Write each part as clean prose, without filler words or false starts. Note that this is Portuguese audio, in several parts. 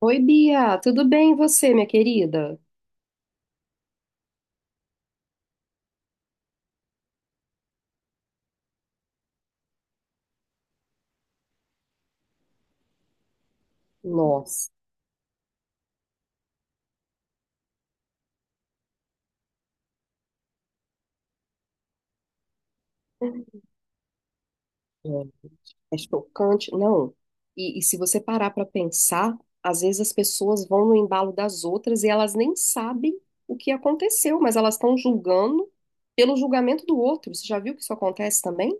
Oi, Bia, tudo bem e você, minha querida? Nossa, é é chocante. Não, e se você parar para pensar, às vezes as pessoas vão no embalo das outras e elas nem sabem o que aconteceu, mas elas estão julgando pelo julgamento do outro. Você já viu que isso acontece também?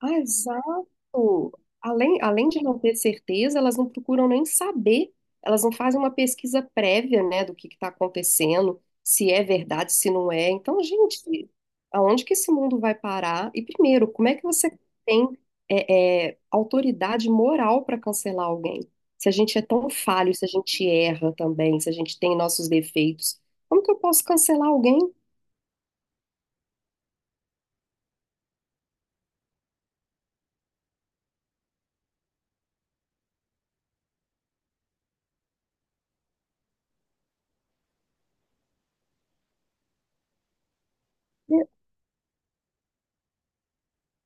Ah, exato. Além de não ter certeza, elas não procuram nem saber, elas não fazem uma pesquisa prévia, né, do que está acontecendo, se é verdade, se não é. Então, gente, aonde que esse mundo vai parar? E primeiro, como é que você tem autoridade moral para cancelar alguém? Se a gente é tão falho, se a gente erra também, se a gente tem nossos defeitos, como que eu posso cancelar alguém?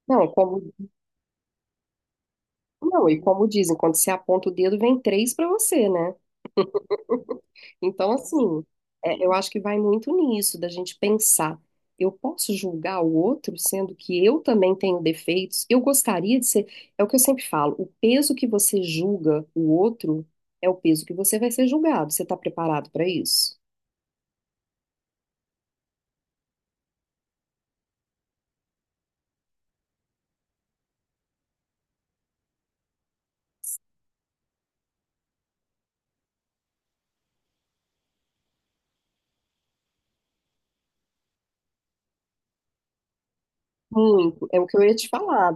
Não, como, não, e como dizem, quando você aponta o dedo, vem três para você, né? Então, assim, eu acho que vai muito nisso, da gente pensar. Eu posso julgar o outro, sendo que eu também tenho defeitos. Eu gostaria de ser. É o que eu sempre falo: o peso que você julga o outro é o peso que você vai ser julgado. Você está preparado para isso? Muito. É o que eu ia te falar.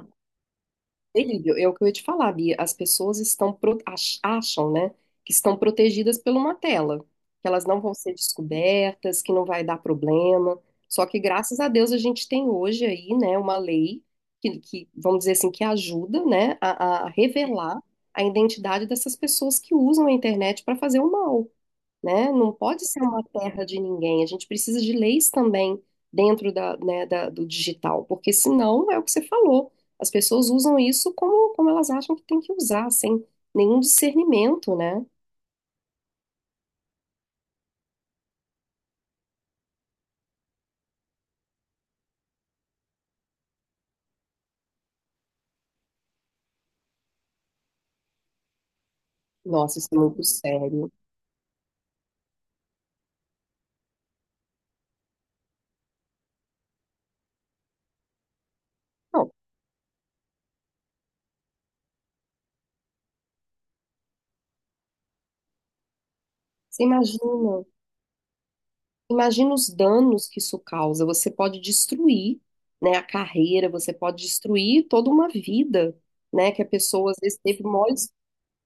Delírio, é o que eu ia te falar, Bia. As pessoas estão acham, né, que estão protegidas por uma tela, que elas não vão ser descobertas, que não vai dar problema. Só que graças a Deus a gente tem hoje aí, né, uma lei vamos dizer assim, que ajuda, né, a revelar a identidade dessas pessoas que usam a internet para fazer o mal né? Não pode ser uma terra de ninguém. A gente precisa de leis também dentro da, né, do digital, porque senão é o que você falou. As pessoas usam isso como, como elas acham que tem que usar, sem nenhum discernimento, né? Nossa, isso é muito sério. Não, você imagina, imagina os danos que isso causa. Você pode destruir, né, a carreira, você pode destruir toda uma vida, né? Que a pessoa às vezes teve maior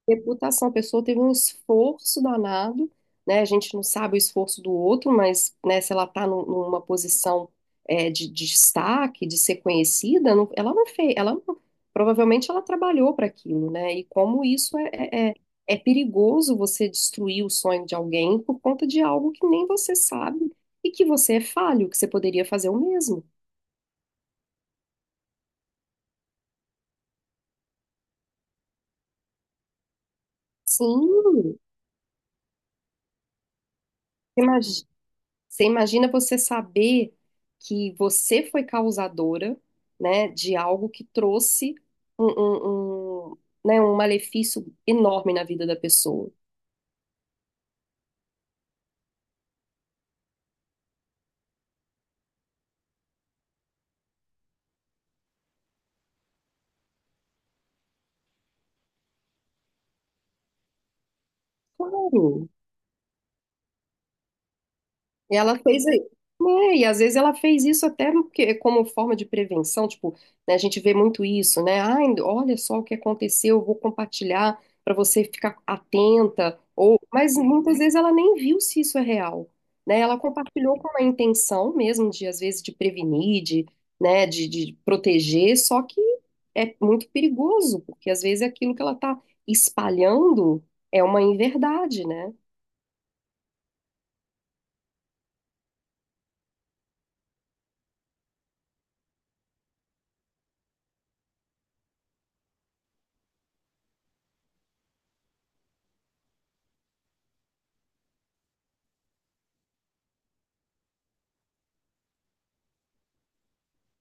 Reputação, a pessoa teve um esforço danado, né? A gente não sabe o esforço do outro, mas, né, se ela está numa posição de destaque, de ser conhecida, ela não fez, ela não- provavelmente ela trabalhou para aquilo, né? E como isso é é perigoso você destruir o sonho de alguém por conta de algo que nem você sabe e que você é falho, que você poderia fazer o mesmo. Sim, você imagina você saber que você foi causadora, né, de algo que trouxe um, um, um, né, um malefício enorme na vida da pessoa. Claro, ela fez, aí. É, e às vezes ela fez isso até no como forma de prevenção, tipo, né, a gente vê muito isso, né? Ai, olha só o que aconteceu, eu vou compartilhar para você ficar atenta, ou, mas muitas vezes ela nem viu se isso é real, né? Ela compartilhou com a intenção mesmo de, às vezes, de prevenir, de, né, de proteger, só que é muito perigoso, porque às vezes aquilo que ela está espalhando é uma inverdade, né?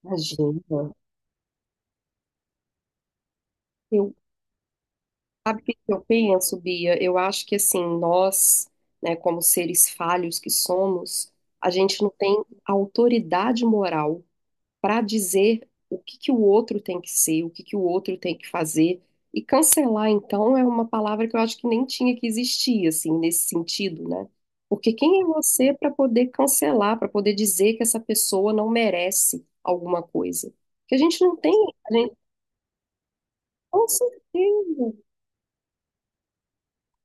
Imagina. Eu Sabe o que que eu penso, Bia? Eu acho que assim, nós, né, como seres falhos que somos, a gente não tem autoridade moral para dizer o que que o outro tem que ser, o que que o outro tem que fazer. E cancelar, então, é uma palavra que eu acho que nem tinha que existir, assim, nesse sentido, né? Porque quem é você para poder cancelar, para poder dizer que essa pessoa não merece alguma coisa? Que a gente não tem, a gente, com certeza.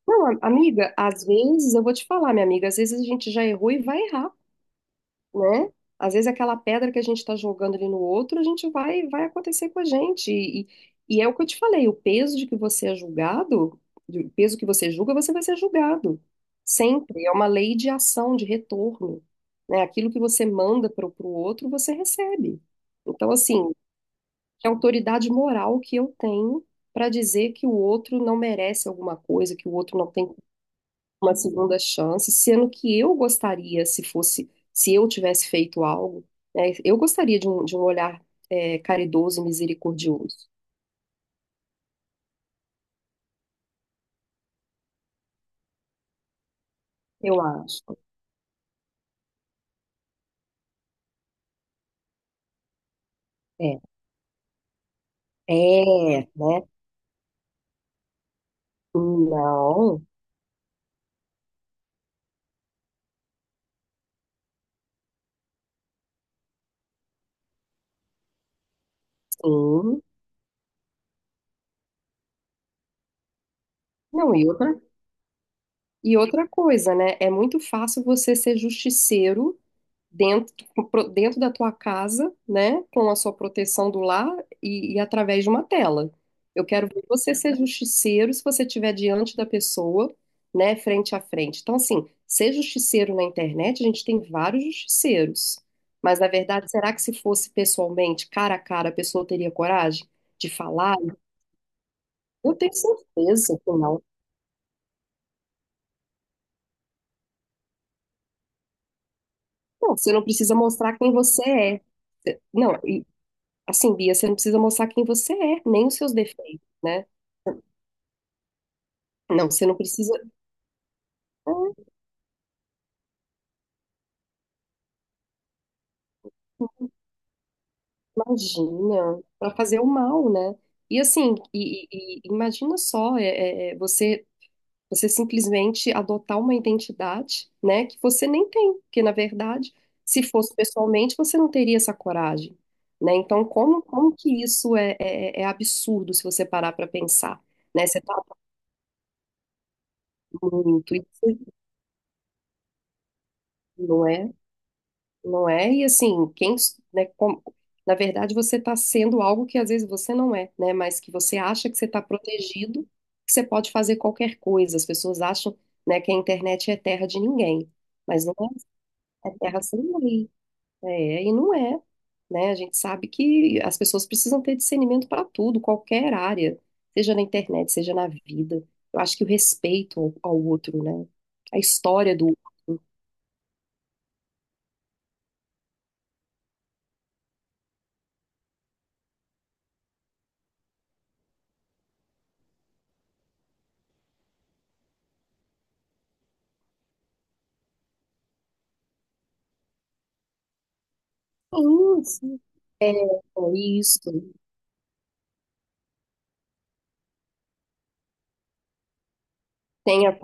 Não, amiga, às vezes eu vou te falar, minha amiga, às vezes a gente já errou e vai errar, né? Às vezes aquela pedra que a gente está jogando ali no outro, a gente vai, vai acontecer com a gente. E é o que eu te falei, o peso de que você é julgado, o peso que você julga, você vai ser julgado. Sempre. É uma lei de ação, de retorno, né? Aquilo que você manda para o outro, você recebe. Então, assim, que autoridade moral que eu tenho para dizer que o outro não merece alguma coisa, que o outro não tem uma segunda chance, sendo que eu gostaria, se fosse, se eu tivesse feito algo, né, eu gostaria de um olhar caridoso e misericordioso, eu acho. É, né? Não, sim. Não, e outra coisa, né? É muito fácil você ser justiceiro dentro, dentro da tua casa, né, com a sua proteção do lar e através de uma tela. Eu quero ver você ser justiceiro se você estiver diante da pessoa, né, frente a frente. Então, assim, ser justiceiro na internet, a gente tem vários justiceiros. Mas, na verdade, será que se fosse pessoalmente, cara a cara, a pessoa teria coragem de falar? Eu tenho certeza que não. Não, você não precisa mostrar quem você é. Não, e, assim, Bia, você não precisa mostrar quem você é, nem os seus defeitos né? Não, você não precisa. Ah, imagina, para fazer o mal, né? E assim, e imagina só, você você simplesmente adotar uma identidade, né, que você nem tem, porque na verdade, se fosse pessoalmente, você não teria essa coragem, né? Então, como como que isso é absurdo se você parar para pensar, né? Você tá muito, isso não é? Não é? E assim, quem, né, na verdade você está sendo algo que às vezes você não é, né? Mas que você acha que você está protegido, que você pode fazer qualquer coisa. As pessoas acham, né, que a internet é terra de ninguém, mas não é, é terra sem lei. É, e não é, né? A gente sabe que as pessoas precisam ter discernimento para tudo, qualquer área, seja na internet, seja na vida. Eu acho que o respeito ao, ao outro, né? A história do outro. Sim, sim, é isso. Tem a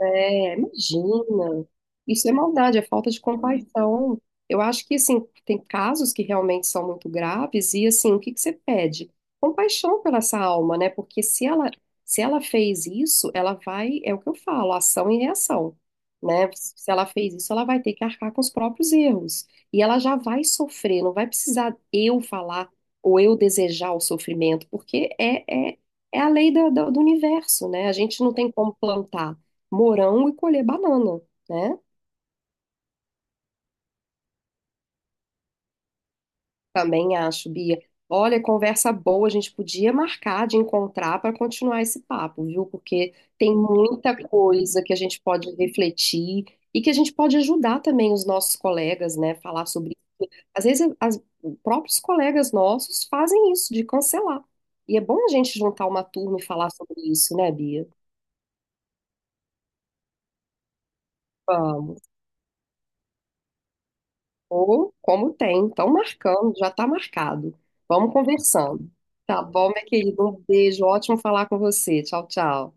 É, imagina. Isso é maldade, é falta de compaixão. Eu acho que, assim, tem casos que realmente são muito graves e, assim, o que que você pede? Compaixão pela essa alma, né? Porque se ela, se ela fez isso, ela vai, é o que eu falo, ação e reação, né? Se ela fez isso, ela vai ter que arcar com os próprios erros. E ela já vai sofrer, não vai precisar eu falar ou eu desejar o sofrimento, porque é a lei do universo, né? A gente não tem como plantar morango e colher banana, né? Também acho, Bia. Olha, conversa boa, a gente podia marcar de encontrar para continuar esse papo, viu? Porque tem muita coisa que a gente pode refletir e que a gente pode ajudar também os nossos colegas, né? Falar sobre. Às vezes, os próprios colegas nossos fazem isso, de cancelar. E é bom a gente juntar uma turma e falar sobre isso, né, Bia? Ou como tem, estão marcando, já está marcado. Vamos conversando. Tá bom, minha querida? Um beijo, ótimo falar com você. Tchau, tchau.